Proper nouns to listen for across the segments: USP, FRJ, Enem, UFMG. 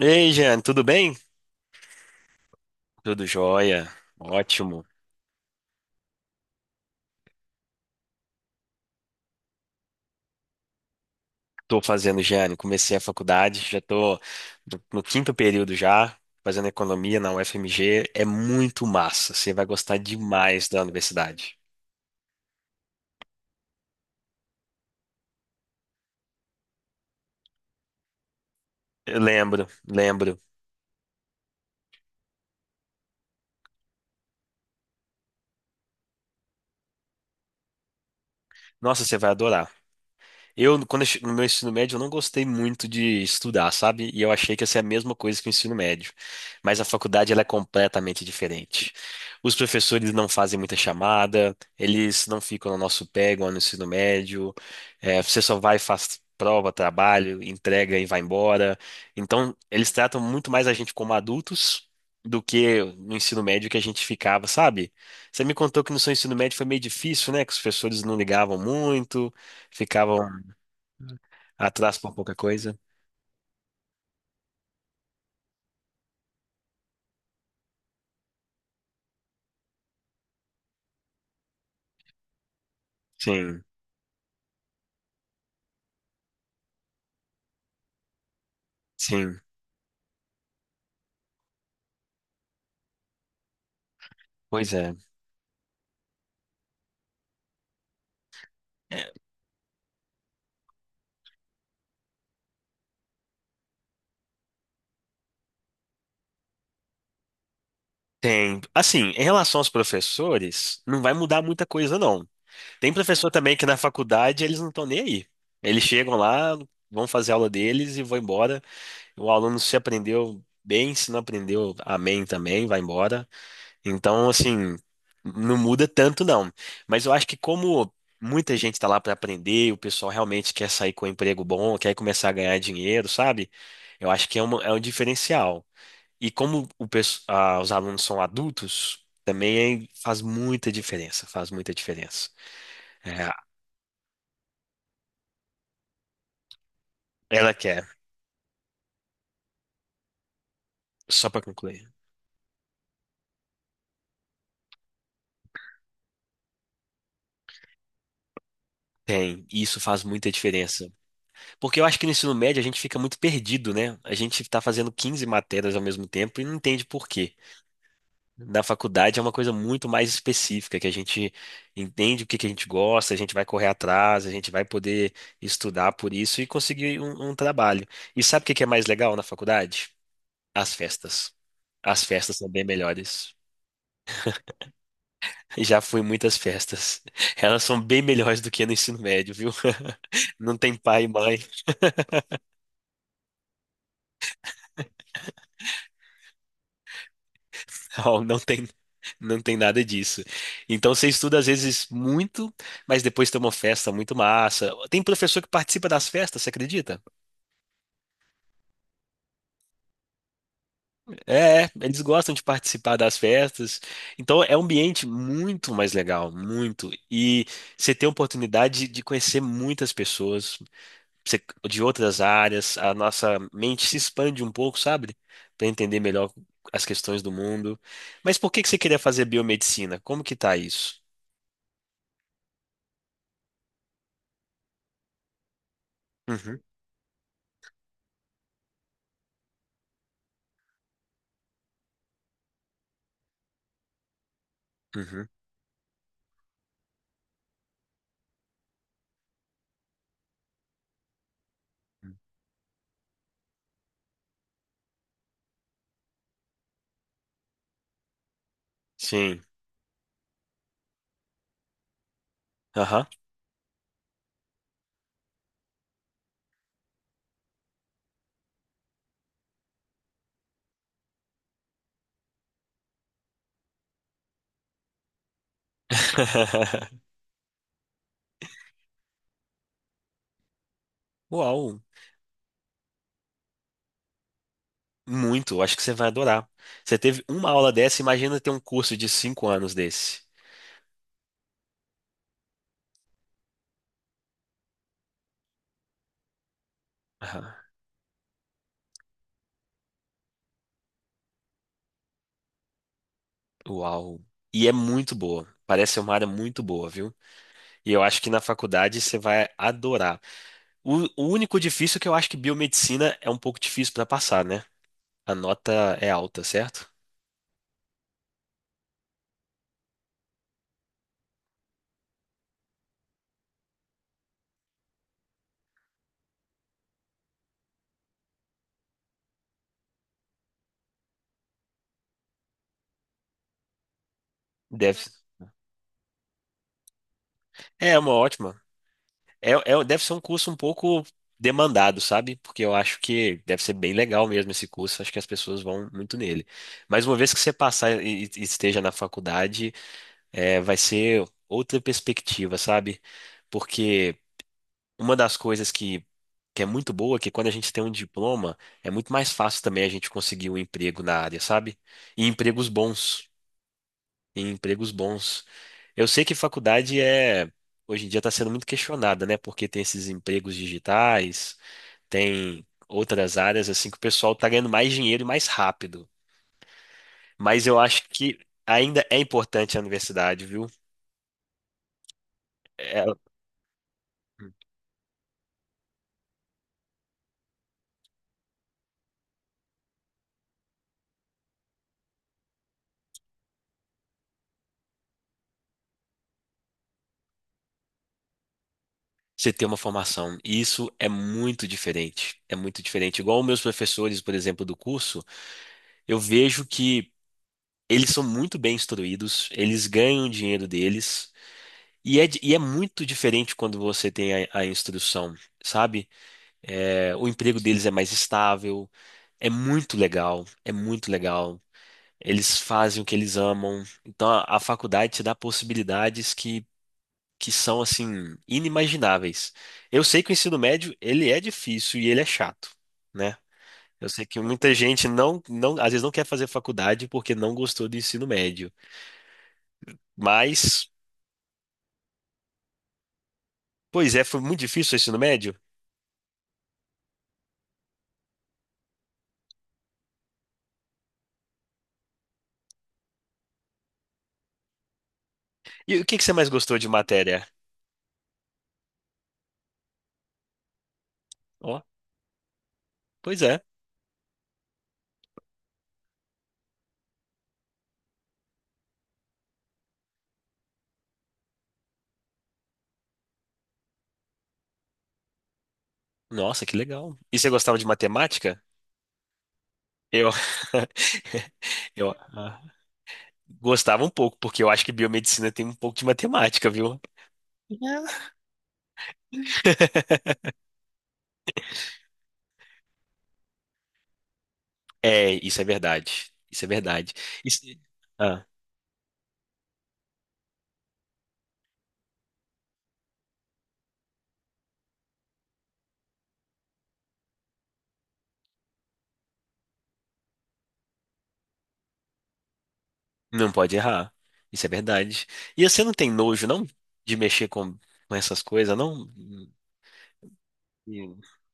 Ei, Jeane, tudo bem? Tudo jóia, ótimo. Tô fazendo, Jeane, comecei a faculdade, já tô no quinto período já, fazendo economia na UFMG. É muito massa, você vai gostar demais da universidade. Eu lembro, lembro. Nossa, você vai adorar. Eu, no meu ensino médio, eu não gostei muito de estudar, sabe? E eu achei que ia ser a mesma coisa que o ensino médio. Mas a faculdade, ela é completamente diferente. Os professores não fazem muita chamada, eles não ficam no nosso pé, igual no ensino médio. É, você só vai, faz prova, trabalho, entrega e vai embora. Então, eles tratam muito mais a gente como adultos do que no ensino médio que a gente ficava, sabe? Você me contou que no seu ensino médio foi meio difícil, né? Que os professores não ligavam muito, ficavam. Atraso por pouca coisa? Sim, sim. Pois é. É. Tem. Assim, em relação aos professores, não vai mudar muita coisa, não. Tem professor também que na faculdade eles não estão nem aí. Eles chegam lá, vão fazer a aula deles e vão embora. O aluno se aprendeu bem, se não aprendeu, amém também, vai embora. Então, assim, não muda tanto, não. Mas eu acho que como muita gente está lá para aprender, o pessoal realmente quer sair com um emprego bom, quer começar a ganhar dinheiro, sabe? Eu acho que é, uma, é um diferencial. E como o, pesso- ah, os alunos são adultos, também é, faz muita diferença, faz muita diferença. É, ela quer, só para concluir. Tem, e isso faz muita diferença. Porque eu acho que no ensino médio a gente fica muito perdido, né? A gente está fazendo 15 matérias ao mesmo tempo e não entende por quê. Na faculdade é uma coisa muito mais específica, que a gente entende o que que a gente gosta, a gente vai correr atrás, a gente vai poder estudar por isso e conseguir um, um trabalho. E sabe o que que é mais legal na faculdade? As festas. As festas são bem melhores. Já fui em muitas festas. Elas são bem melhores do que no ensino médio, viu? Não tem pai e mãe, não, não tem, não tem nada disso. Então você estuda às vezes muito, mas depois tem uma festa muito massa. Tem professor que participa das festas, você acredita? É, é, eles gostam de participar das festas. Então é um ambiente muito mais legal, muito. E você tem a oportunidade de conhecer muitas pessoas de outras áreas. A nossa mente se expande um pouco, sabe? Para entender melhor as questões do mundo. Mas por que que você queria fazer biomedicina? Como que tá isso? Uhum, uhum. Sim. Aham. Uau, muito. Acho que você vai adorar. Você teve uma aula dessa, imagina ter um curso de 5 anos desse. Uau. E é muito boa. Parece ser uma área muito boa, viu? E eu acho que na faculdade você vai adorar. O único difícil é que eu acho que biomedicina é um pouco difícil para passar, né? A nota é alta, certo? Deve. É é uma ótima. É, é- deve ser um curso um pouco demandado, sabe? Porque eu acho que deve ser bem legal mesmo esse curso. Acho que as pessoas vão muito nele. Mas uma vez que você passar e esteja na faculdade, é, vai ser outra perspectiva, sabe? Porque uma das coisas que é muito boa é que quando a gente tem um diploma, é muito mais fácil também a gente conseguir um emprego na área, sabe? E empregos bons. E empregos bons. Eu sei que faculdade é, hoje em dia está sendo muito questionada, né? Porque tem esses empregos digitais, tem outras áreas assim que o pessoal está ganhando mais dinheiro e mais rápido. Mas eu acho que ainda é importante a universidade, viu? É, você ter uma formação. E isso é muito diferente. É muito diferente. Igual meus professores, por exemplo, do curso, eu vejo que eles são muito bem instruídos, eles ganham o dinheiro deles. E é, di- e é muito diferente quando você tem a instrução, sabe? É, o emprego deles é mais estável, é muito legal, é muito legal. Eles fazem o que eles amam. Então a faculdade te dá possibilidades que são assim inimagináveis. Eu sei que o ensino médio ele é difícil e ele é chato, né? Eu sei que muita gente não, não, às vezes não quer fazer faculdade porque não gostou do ensino médio. Mas, pois é, foi muito difícil o ensino médio. E o que que você mais gostou de matéria? Ó, pois é. Nossa, que legal. E você gostava de matemática? Eu, eu ah, gostava um pouco, porque eu acho que biomedicina tem um pouco de matemática, viu? É. É, isso é verdade. Isso é verdade. Isso- ah, não pode errar. Isso é verdade. E você não tem nojo, não? De mexer com essas coisas, não? Hum.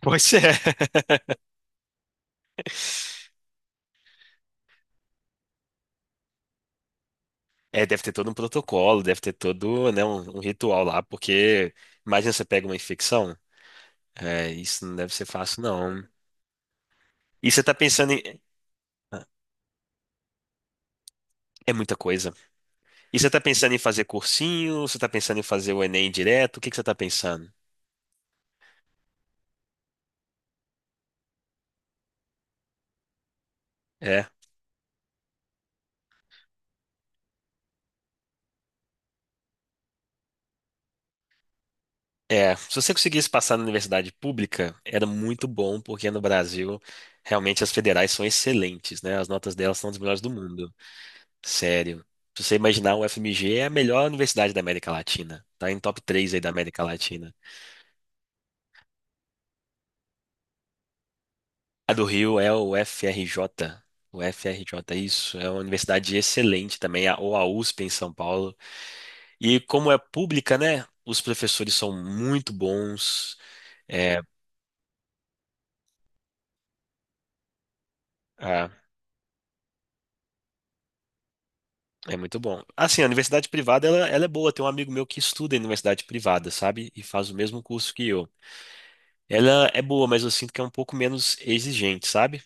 Pois é. É, deve ter todo um protocolo, deve ter todo, né, um ritual lá, porque imagina você pega uma infecção. É, isso não deve ser fácil, não. E você tá pensando em. É muita coisa. E você tá pensando em fazer cursinho? Você tá pensando em fazer o Enem direto? O que que você tá pensando? É, é, se você conseguisse passar na universidade pública, era muito bom, porque no Brasil, realmente as federais são excelentes, né? As notas delas são das melhores do mundo. Sério. Se você imaginar, o FMG é a melhor universidade da América Latina. Tá em top 3 aí da América Latina. A do Rio é o FRJ. O FRJ, isso. É uma universidade excelente também, a- ou a USP em São Paulo. E como é pública, né? Os professores são muito bons. É muito bom. Assim, a universidade privada, ela é boa. Tem um amigo meu que estuda em universidade privada, sabe? E faz o mesmo curso que eu. Ela é boa, mas eu sinto que é um pouco menos exigente, sabe?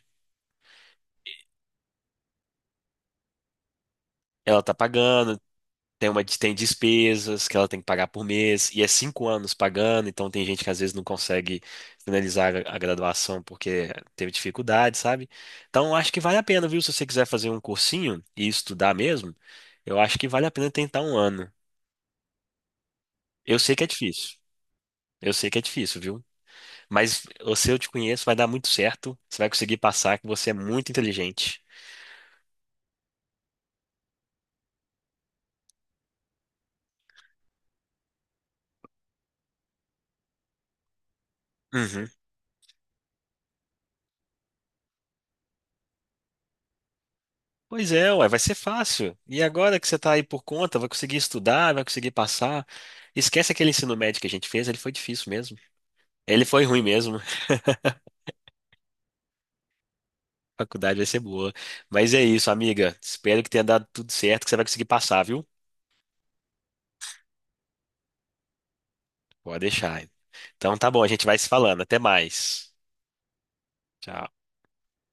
Ela tá pagando, tem uma, tem despesas que ela tem que pagar por mês, e é 5 anos pagando, então tem gente que às vezes não consegue finalizar a graduação porque teve dificuldade, sabe? Então, eu acho que vale a pena, viu? Se você quiser fazer um cursinho e estudar mesmo, eu acho que vale a pena tentar um ano. Eu sei que é difícil. Eu sei que é difícil, viu? Mas eu- se eu te conheço, vai dar muito certo. Você vai conseguir passar que você é muito inteligente. Uhum. Pois é, ué, vai ser fácil. E agora que você tá aí por conta, vai conseguir estudar, vai conseguir passar. Esquece aquele ensino médio que a gente fez, ele foi difícil mesmo. Ele foi ruim mesmo. A faculdade vai ser boa. Mas é isso, amiga. Espero que tenha dado tudo certo, que você vai conseguir passar, viu? Pode deixar. Então tá bom, a gente vai se falando. Até mais. Tchau.